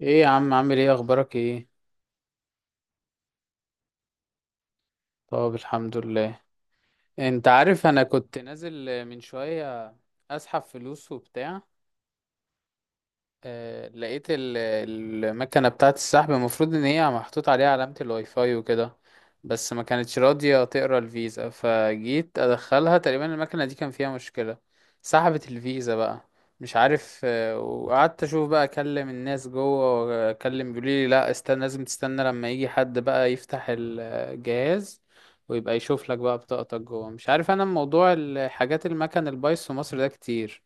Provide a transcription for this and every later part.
ايه يا عم، عامل ايه، اخبارك ايه؟ طب الحمد لله. انت عارف انا كنت نازل من شوية اسحب فلوس وبتاع. آه، لقيت ال- المكنة بتاعة السحب المفروض ان هي محطوط عليها علامة الواي فاي وكده. بس ما كانتش راضية تقرا الفيزا، فجيت ادخلها. تقريبا المكنة دي كان فيها مشكلة. سحبت الفيزا بقى. مش عارف. وقعدت اشوف بقى، اكلم الناس جوه، واكلم بيقولي لي لا استنى، لازم تستنى لما يجي حد بقى يفتح الجهاز ويبقى يشوف لك بقى بطاقتك جوه. مش عارف، انا موضوع الحاجات المكن البايظ في مصر ده كتير.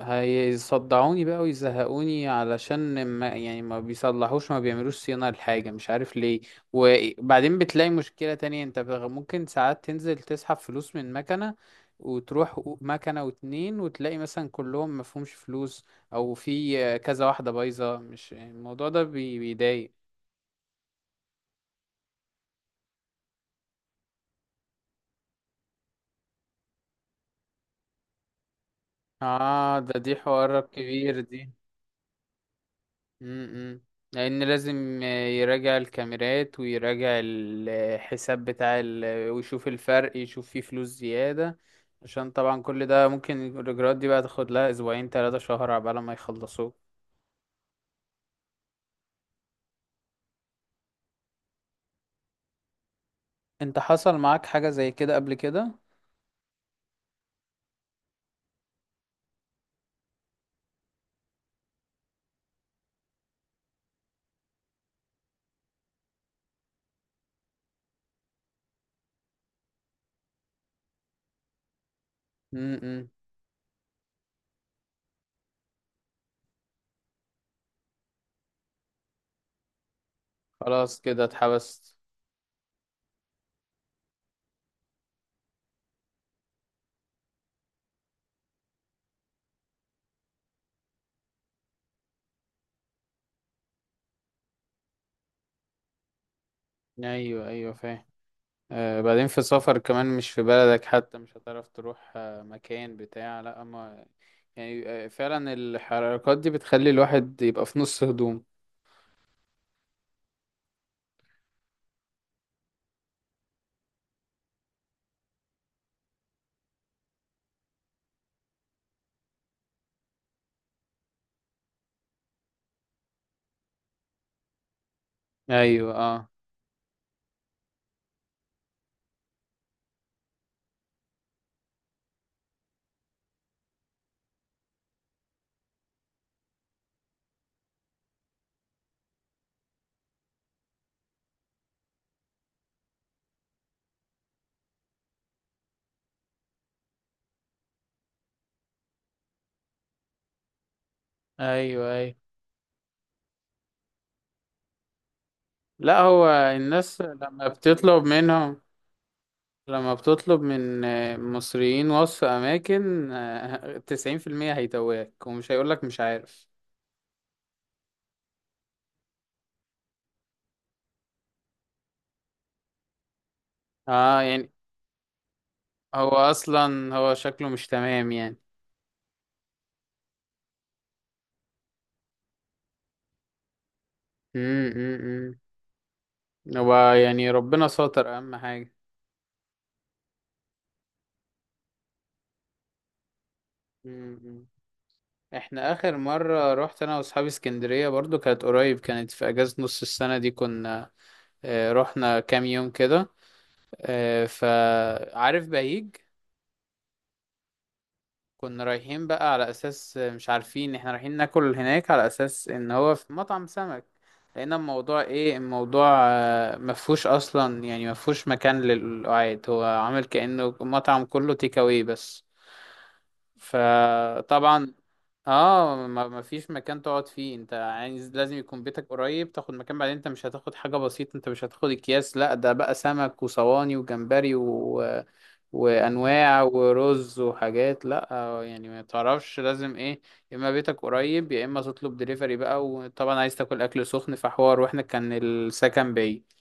هيصدعوني بقى ويزهقوني، علشان ما يعني ما بيصلحوش، ما بيعملوش صيانة لحاجة، مش عارف ليه. وبعدين بتلاقي مشكلة تانية، انت ممكن ساعات تنزل تسحب فلوس من مكنة، وتروح مكنة واتنين وتلاقي مثلا كلهم مفهومش فلوس، او في كذا واحدة بايظة. مش الموضوع ده بيضايق. اه ده، دي حوار كبير دي. امم لان لازم يراجع الكاميرات ويراجع الحساب ويشوف الفرق، يشوف فيه فلوس زيادة. عشان طبعا كل ده ممكن الاجراءات دي بقى تاخد لها اسبوعين 3 شهر عبال ما يخلصوه. انت حصل معاك حاجة زي كده قبل كده؟ امم خلاص كده اتحبست. ايوه، ايوه فاهم. آه، بعدين في سفر كمان، مش في بلدك حتى، مش هتعرف تروح مكان بتاع، لا ما يعني. فعلا الحركات دي بتخلي الواحد يبقى في نص هدوم. ايوه، اه، ايوه، ايوه. لا، هو الناس لما بتطلب منهم، لما بتطلب من مصريين وصف اماكن، 90% هيتوهك ومش هيقولك مش عارف. اه يعني. هو اصلا هو شكله مش تمام يعني. امم امم هو يعني ربنا ساتر اهم حاجة. امم احنا اخر مرة رحت انا واصحابي اسكندرية برضو، كانت قريب، كانت في اجازة نص السنة دي، كنا رحنا كام يوم كده. فعارف بهيج. كنا رايحين بقى على اساس مش عارفين، احنا رايحين ناكل هناك على اساس ان هو في مطعم سمك. لقينا الموضوع ايه؟ الموضوع مفهوش اصلا، يعني مفهوش مكان للقعاد، هو عامل كأنه مطعم كله تيك اواي بس. فطبعا اه، ما فيش مكان تقعد فيه، انت عايز لازم يكون بيتك قريب تاخد مكان. بعدين انت مش هتاخد حاجة بسيطة، انت مش هتاخد اكياس، لا ده بقى سمك وصواني وجمبري وانواع ورز وحاجات، لا. يعني ما تعرفش لازم ايه، يا اما بيتك قريب يا اما تطلب دليفري بقى، وطبعا عايز تاكل اكل سخن، فحوار. واحنا كان السكن بعيد،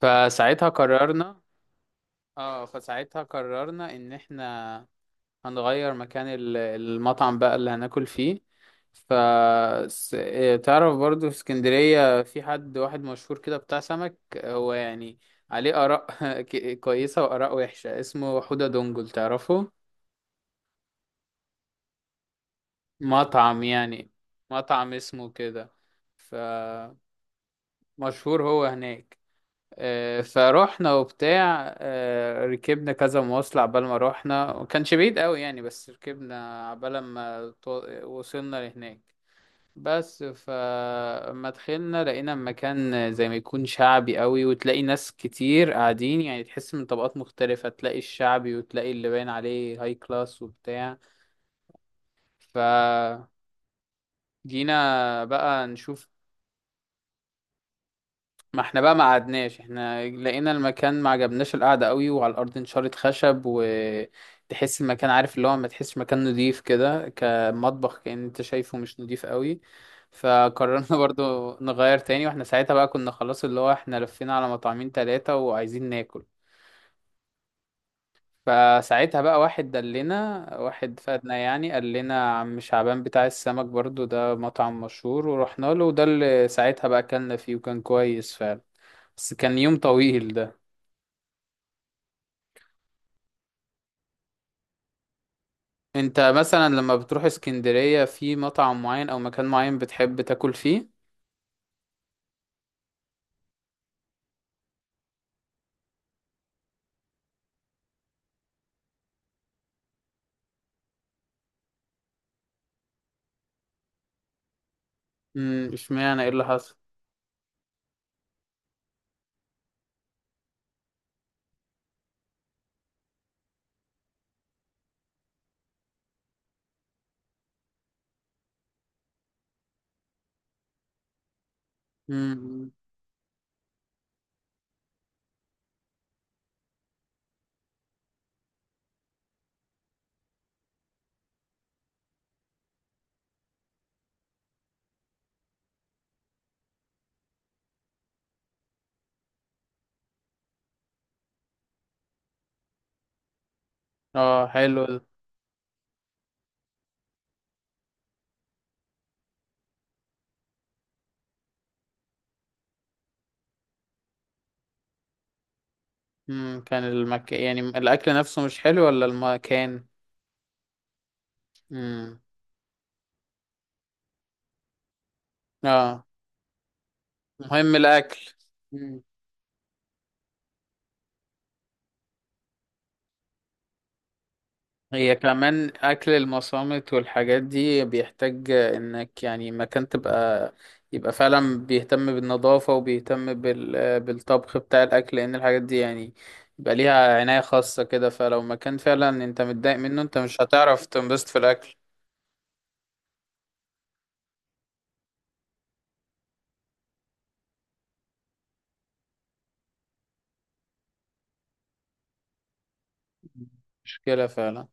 فساعتها قررنا. اه فساعتها قررنا ان احنا هنغير مكان المطعم بقى اللي هناكل فيه. ف س- إيه، تعرف برضو في اسكندرية في حد واحد مشهور كده بتاع سمك، هو يعني عليه آراء كويسة وآراء وحشة. اسمه حودة دونجل، تعرفه؟ مطعم يعني، مطعم اسمه كده، فمشهور هو هناك. فروحنا وبتاع، ركبنا كذا مواصلة عبال ما روحنا، وكانش بعيد قوي يعني، بس ركبنا عبال ما وصلنا لهناك بس. فما دخلنا لقينا مكان زي ما يكون شعبي قوي، وتلاقي ناس كتير قاعدين يعني، تحس من طبقات مختلفة، تلاقي الشعبي وتلاقي اللي باين عليه هاي كلاس وبتاع. فجينا بقى نشوف. ما احنا بقى ما قعدناش، احنا لقينا المكان ما عجبناش، القعدة قوي وعلى الأرض نشارة خشب، وتحس المكان عارف اللي هو ما تحسش مكان نضيف كده، كمطبخ كأن انت شايفه مش نضيف قوي. فقررنا برضو نغير تاني، واحنا ساعتها بقى كنا خلاص اللي هو احنا لفينا على مطعمين تلاتة وعايزين ناكل. فساعتها بقى واحد دلنا، واحد فادنا يعني، قال لنا عم شعبان بتاع السمك برضو، ده مطعم مشهور، ورحنا له، وده اللي ساعتها بقى أكلنا فيه وكان كويس فعلا. بس كان يوم طويل ده. انت مثلا لما بتروح اسكندرية في مطعم معين او مكان معين بتحب تاكل فيه؟ امم، اشمعنى؟ ايه اللي حصل؟ امم. اه حلو ده. امم، كان يعني الاكل نفسه مش حلو ولا المكان؟ امم، اه، مهم الاكل. هي كمان أكل المصامت والحاجات دي بيحتاج إنك يعني مكان تبقى، يبقى فعلا بيهتم بالنظافة وبيهتم بالطبخ بتاع الأكل، لأن الحاجات دي يعني يبقى ليها عناية خاصة كده. فلو مكان فعلا أنت متضايق منه، أنت مش هتعرف تنبسط في الأكل. مشكلة فعلا.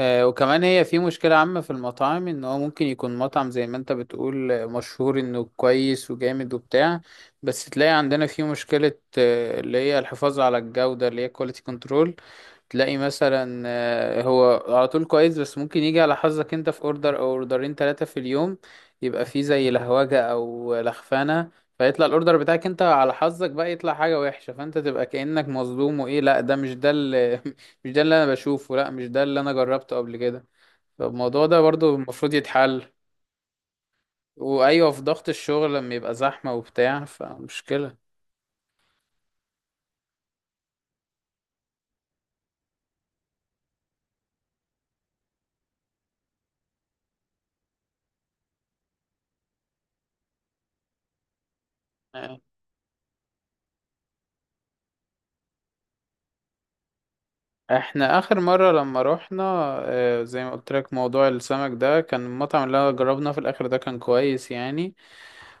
وكمان هي في مشكلة عامة في المطاعم، ان هو ممكن يكون مطعم زي ما انت بتقول مشهور انه كويس وجامد وبتاع، بس تلاقي عندنا في مشكلة، اللي هي الحفاظ على الجودة اللي هي كواليتي كنترول. تلاقي مثلا هو على طول كويس، بس ممكن يجي على حظك انت، في اوردر او اوردرين ثلاثة في اليوم يبقى فيه زي لهوجة او لخفانة، فيطلع الاوردر بتاعك انت على حظك بقى، يطلع حاجة وحشة، فانت تبقى كأنك مظلوم، وايه لا ده مش ده اللي مش ده اللي انا بشوفه، لا مش ده اللي انا جربته قبل كده. فالموضوع ده برضو المفروض يتحل. وايوه، في ضغط الشغل لما يبقى زحمة وبتاع، فمشكلة. احنا اخر مرة لما روحنا، زي ما قلت لك موضوع السمك ده، كان المطعم اللي أنا جربناه في الاخر ده كان كويس يعني.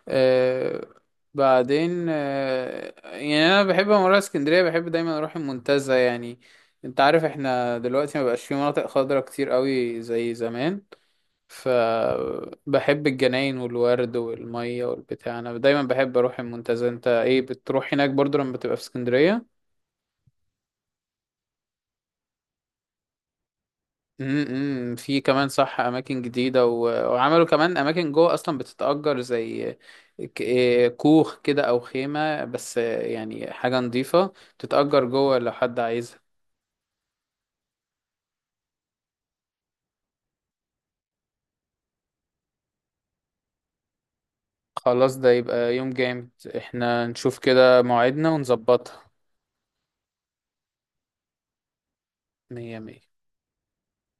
آه، بعدين آه، يعني انا بحب لما اروح اسكندرية، بحب دايما اروح المنتزه يعني. انت عارف احنا دلوقتي ما بقاش في مناطق خضراء كتير قوي زي زمان، فبحب الجناين والورد والمية والبتاع، انا دايما بحب اروح المنتزه. انت ايه، بتروح هناك برضو لما بتبقى في اسكندرية؟ امم، في كمان صح اماكن جديده وعملوا كمان اماكن جوه اصلا بتتاجر، زي ك... إيه كوخ كده او خيمه، بس يعني حاجه نظيفه تتاجر جوه لو حد عايزها. خلاص ده يبقى يوم جامد. احنا نشوف كده موعدنا ونظبطها. مية مية.